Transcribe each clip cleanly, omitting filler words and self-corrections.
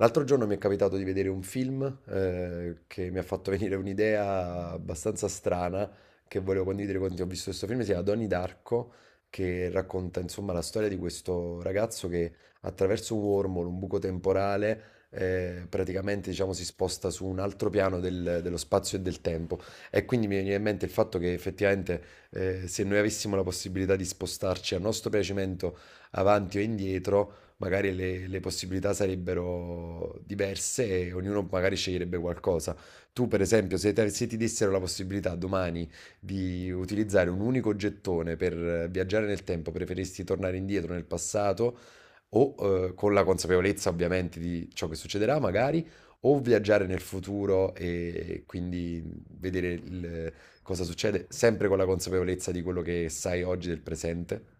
L'altro giorno mi è capitato di vedere un film che mi ha fatto venire un'idea abbastanza strana che volevo condividere con te. Ho visto questo film, si chiama Donnie Darko, che racconta insomma la storia di questo ragazzo che attraverso un wormhole, un buco temporale, praticamente diciamo, si sposta su un altro piano dello spazio e del tempo. E quindi mi viene in mente il fatto che effettivamente se noi avessimo la possibilità di spostarci a nostro piacimento avanti o indietro, magari le possibilità sarebbero diverse e ognuno magari sceglierebbe qualcosa. Tu, per esempio, se ti dessero la possibilità domani di utilizzare un unico gettone per viaggiare nel tempo, preferiresti tornare indietro nel passato o con la consapevolezza ovviamente di ciò che succederà, magari, o viaggiare nel futuro e quindi vedere il- cosa succede, sempre con la consapevolezza di quello che sai oggi del presente?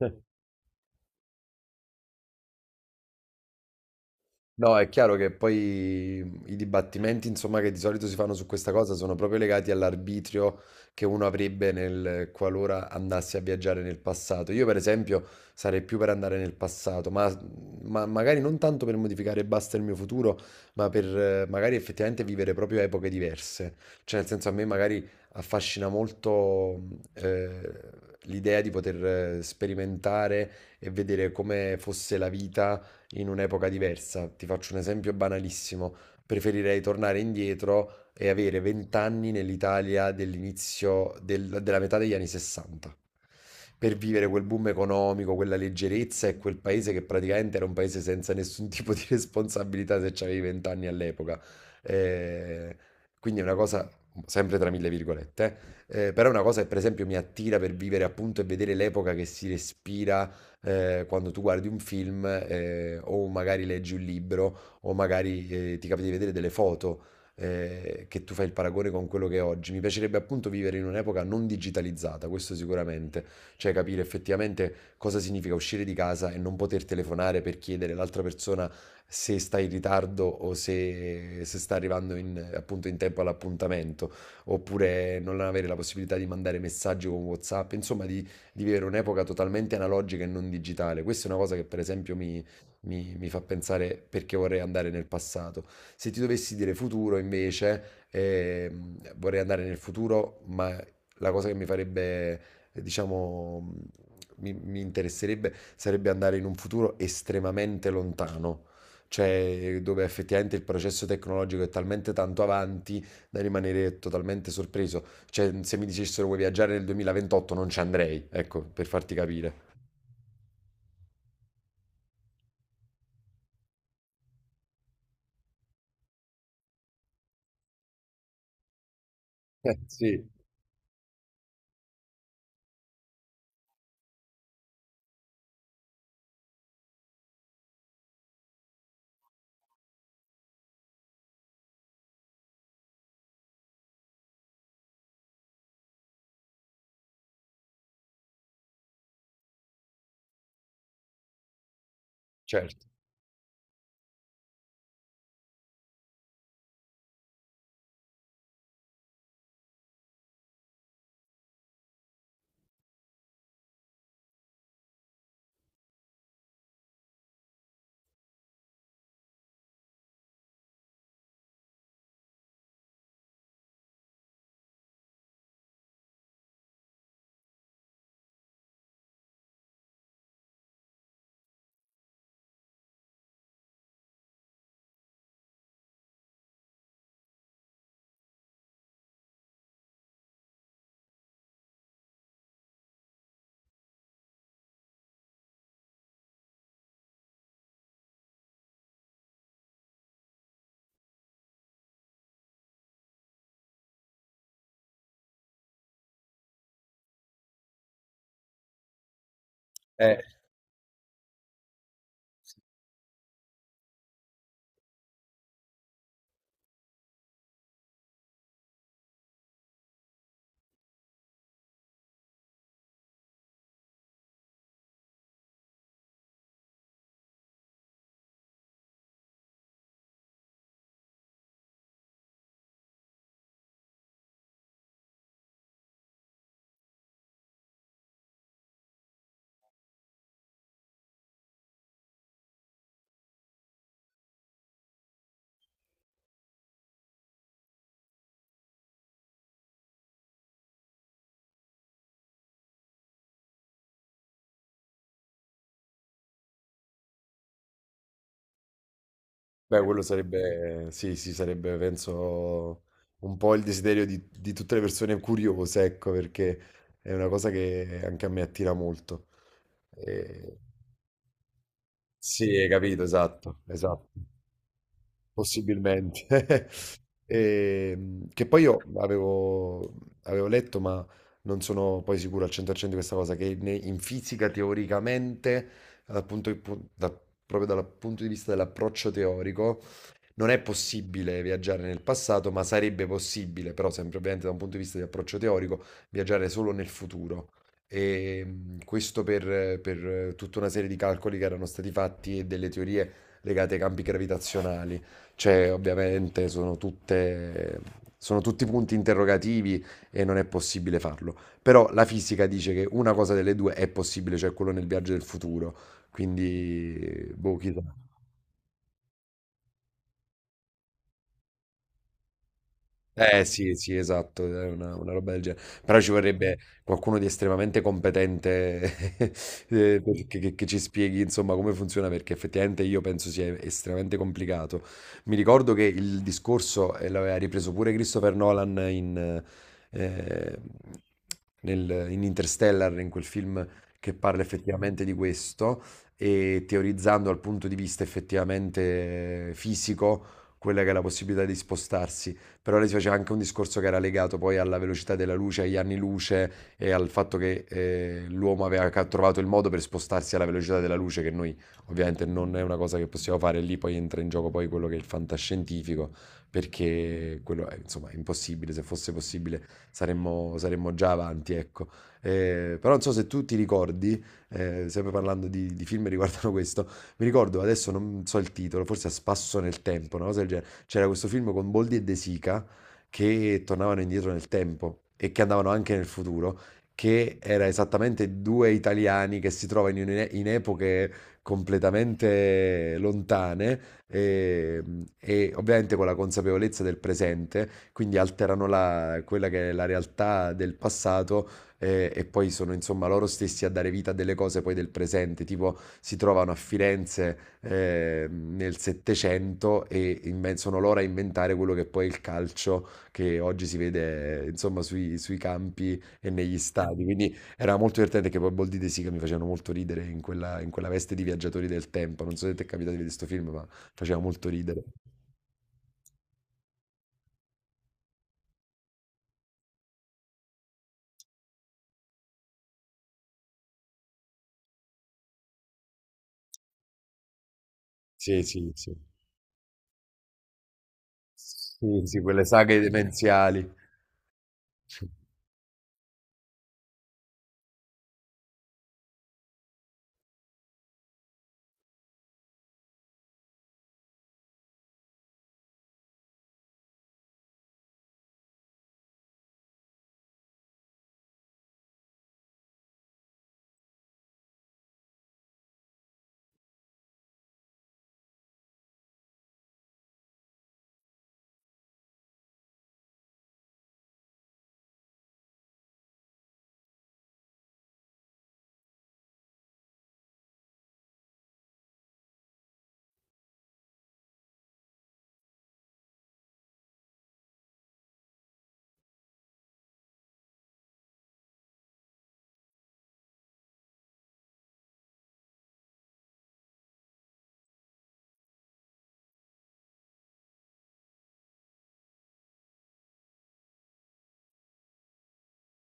No, è chiaro che poi i dibattimenti, insomma, che di solito si fanno su questa cosa sono proprio legati all'arbitrio che uno avrebbe nel qualora andasse a viaggiare nel passato. Io, per esempio, sarei più per andare nel passato, ma magari non tanto per modificare e basta il mio futuro, ma per magari effettivamente vivere proprio epoche diverse. Cioè, nel senso, a me magari affascina molto l'idea di poter sperimentare e vedere come fosse la vita in un'epoca diversa. Ti faccio un esempio banalissimo. Preferirei tornare indietro e avere 20 anni nell'Italia dell'inizio della metà degli anni 60 per vivere quel boom economico, quella leggerezza e quel paese che praticamente era un paese senza nessun tipo di responsabilità se c'avevi 20 anni all'epoca. Eh, quindi è una cosa, sempre tra mille virgolette, però è una cosa che per esempio mi attira per vivere appunto e vedere l'epoca che si respira quando tu guardi un film o magari leggi un libro o magari ti capita di vedere delle foto che tu fai il paragone con quello che è oggi. Mi piacerebbe appunto vivere in un'epoca non digitalizzata, questo sicuramente, cioè capire effettivamente cosa significa uscire di casa e non poter telefonare per chiedere all'altra persona se sta in ritardo o se sta arrivando appunto in tempo all'appuntamento, oppure non avere la possibilità di mandare messaggi con WhatsApp, insomma di vivere un'epoca totalmente analogica e non digitale. Questa è una cosa che per esempio mi fa pensare perché vorrei andare nel passato. Se ti dovessi dire futuro invece, vorrei andare nel futuro, ma la cosa che mi farebbe, diciamo, mi interesserebbe sarebbe andare in un futuro estremamente lontano. Cioè, dove effettivamente il processo tecnologico è talmente tanto avanti da rimanere totalmente sorpreso. Cioè, se mi dicessero vuoi viaggiare nel 2028 non ci andrei, ecco, per farti capire. Sì, certo. Eh, Beh, quello sarebbe, sì, sì, sarebbe, penso, un po' il desiderio di tutte le persone curiose, ecco, perché è una cosa che anche a me attira molto. Eh, sì, hai capito, esatto, esatto. Possibilmente. Che poi io avevo letto, ma non sono poi sicuro al 100% di questa cosa, in fisica teoricamente, dal punto di pu- da- proprio dal punto di vista dell'approccio teorico, non è possibile viaggiare nel passato, ma sarebbe possibile, però sempre ovviamente da un punto di vista di approccio teorico, viaggiare solo nel futuro. E questo per tutta una serie di calcoli che erano stati fatti e delle teorie legate ai campi gravitazionali. Cioè, ovviamente sono tutti punti interrogativi e non è possibile farlo. Però la fisica dice che una cosa delle due è possibile, cioè quello nel viaggio del futuro. Quindi, boh, chissà. Eh sì, sì, esatto, è una roba del genere. Però ci vorrebbe qualcuno di estremamente competente che ci spieghi insomma come funziona perché effettivamente io penso sia estremamente complicato. Mi ricordo che il discorso l'aveva ripreso pure Christopher Nolan eh, in Interstellar, in quel film che parla effettivamente di questo e teorizzando dal punto di vista effettivamente fisico quella che è la possibilità di spostarsi. Però lei si faceva anche un discorso che era legato poi alla velocità della luce, agli anni luce, e al fatto che l'uomo aveva trovato il modo per spostarsi alla velocità della luce, che noi ovviamente non è una cosa che possiamo fare, lì poi entra in gioco poi quello che è il fantascientifico, perché quello è, insomma, è impossibile, se fosse possibile saremmo già avanti, ecco. Però non so se tu ti ricordi, sempre parlando di film che riguardano questo, mi ricordo adesso non so il titolo, forse a spasso nel tempo, una cosa del genere. C'era questo film con Boldi e De Sica che tornavano indietro nel tempo e che andavano anche nel futuro che era esattamente due italiani che si trovano in epoche completamente lontane e, e ovviamente con la consapevolezza del presente, quindi alterano quella che è la realtà del passato e poi sono insomma loro stessi a dare vita a delle cose poi del presente, tipo si trovano a Firenze nel Settecento e sono loro a inventare quello che poi è il calcio che oggi si vede insomma sui campi e negli stadi, quindi era molto divertente che poi Boldi e De Sica mi facevano molto ridere in quella veste di viaggiatori del tempo, non so se ti è capitato di vedere questo film, ma faceva molto ridere. Sì, sì, sì. Sì, sì, quelle saghe demenziali.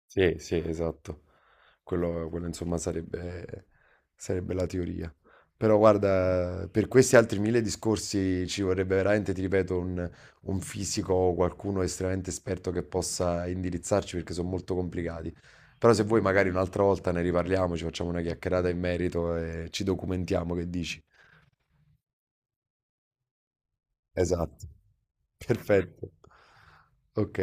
Sì, sì, esatto. Insomma sarebbe la teoria. Però guarda, per questi altri mille discorsi ci vorrebbe veramente, ti ripeto, un fisico o qualcuno estremamente esperto che possa indirizzarci perché sono molto complicati. Però se vuoi magari un'altra volta ne riparliamo, ci facciamo una chiacchierata in merito e ci documentiamo, che dici? Esatto. Perfetto. Ok.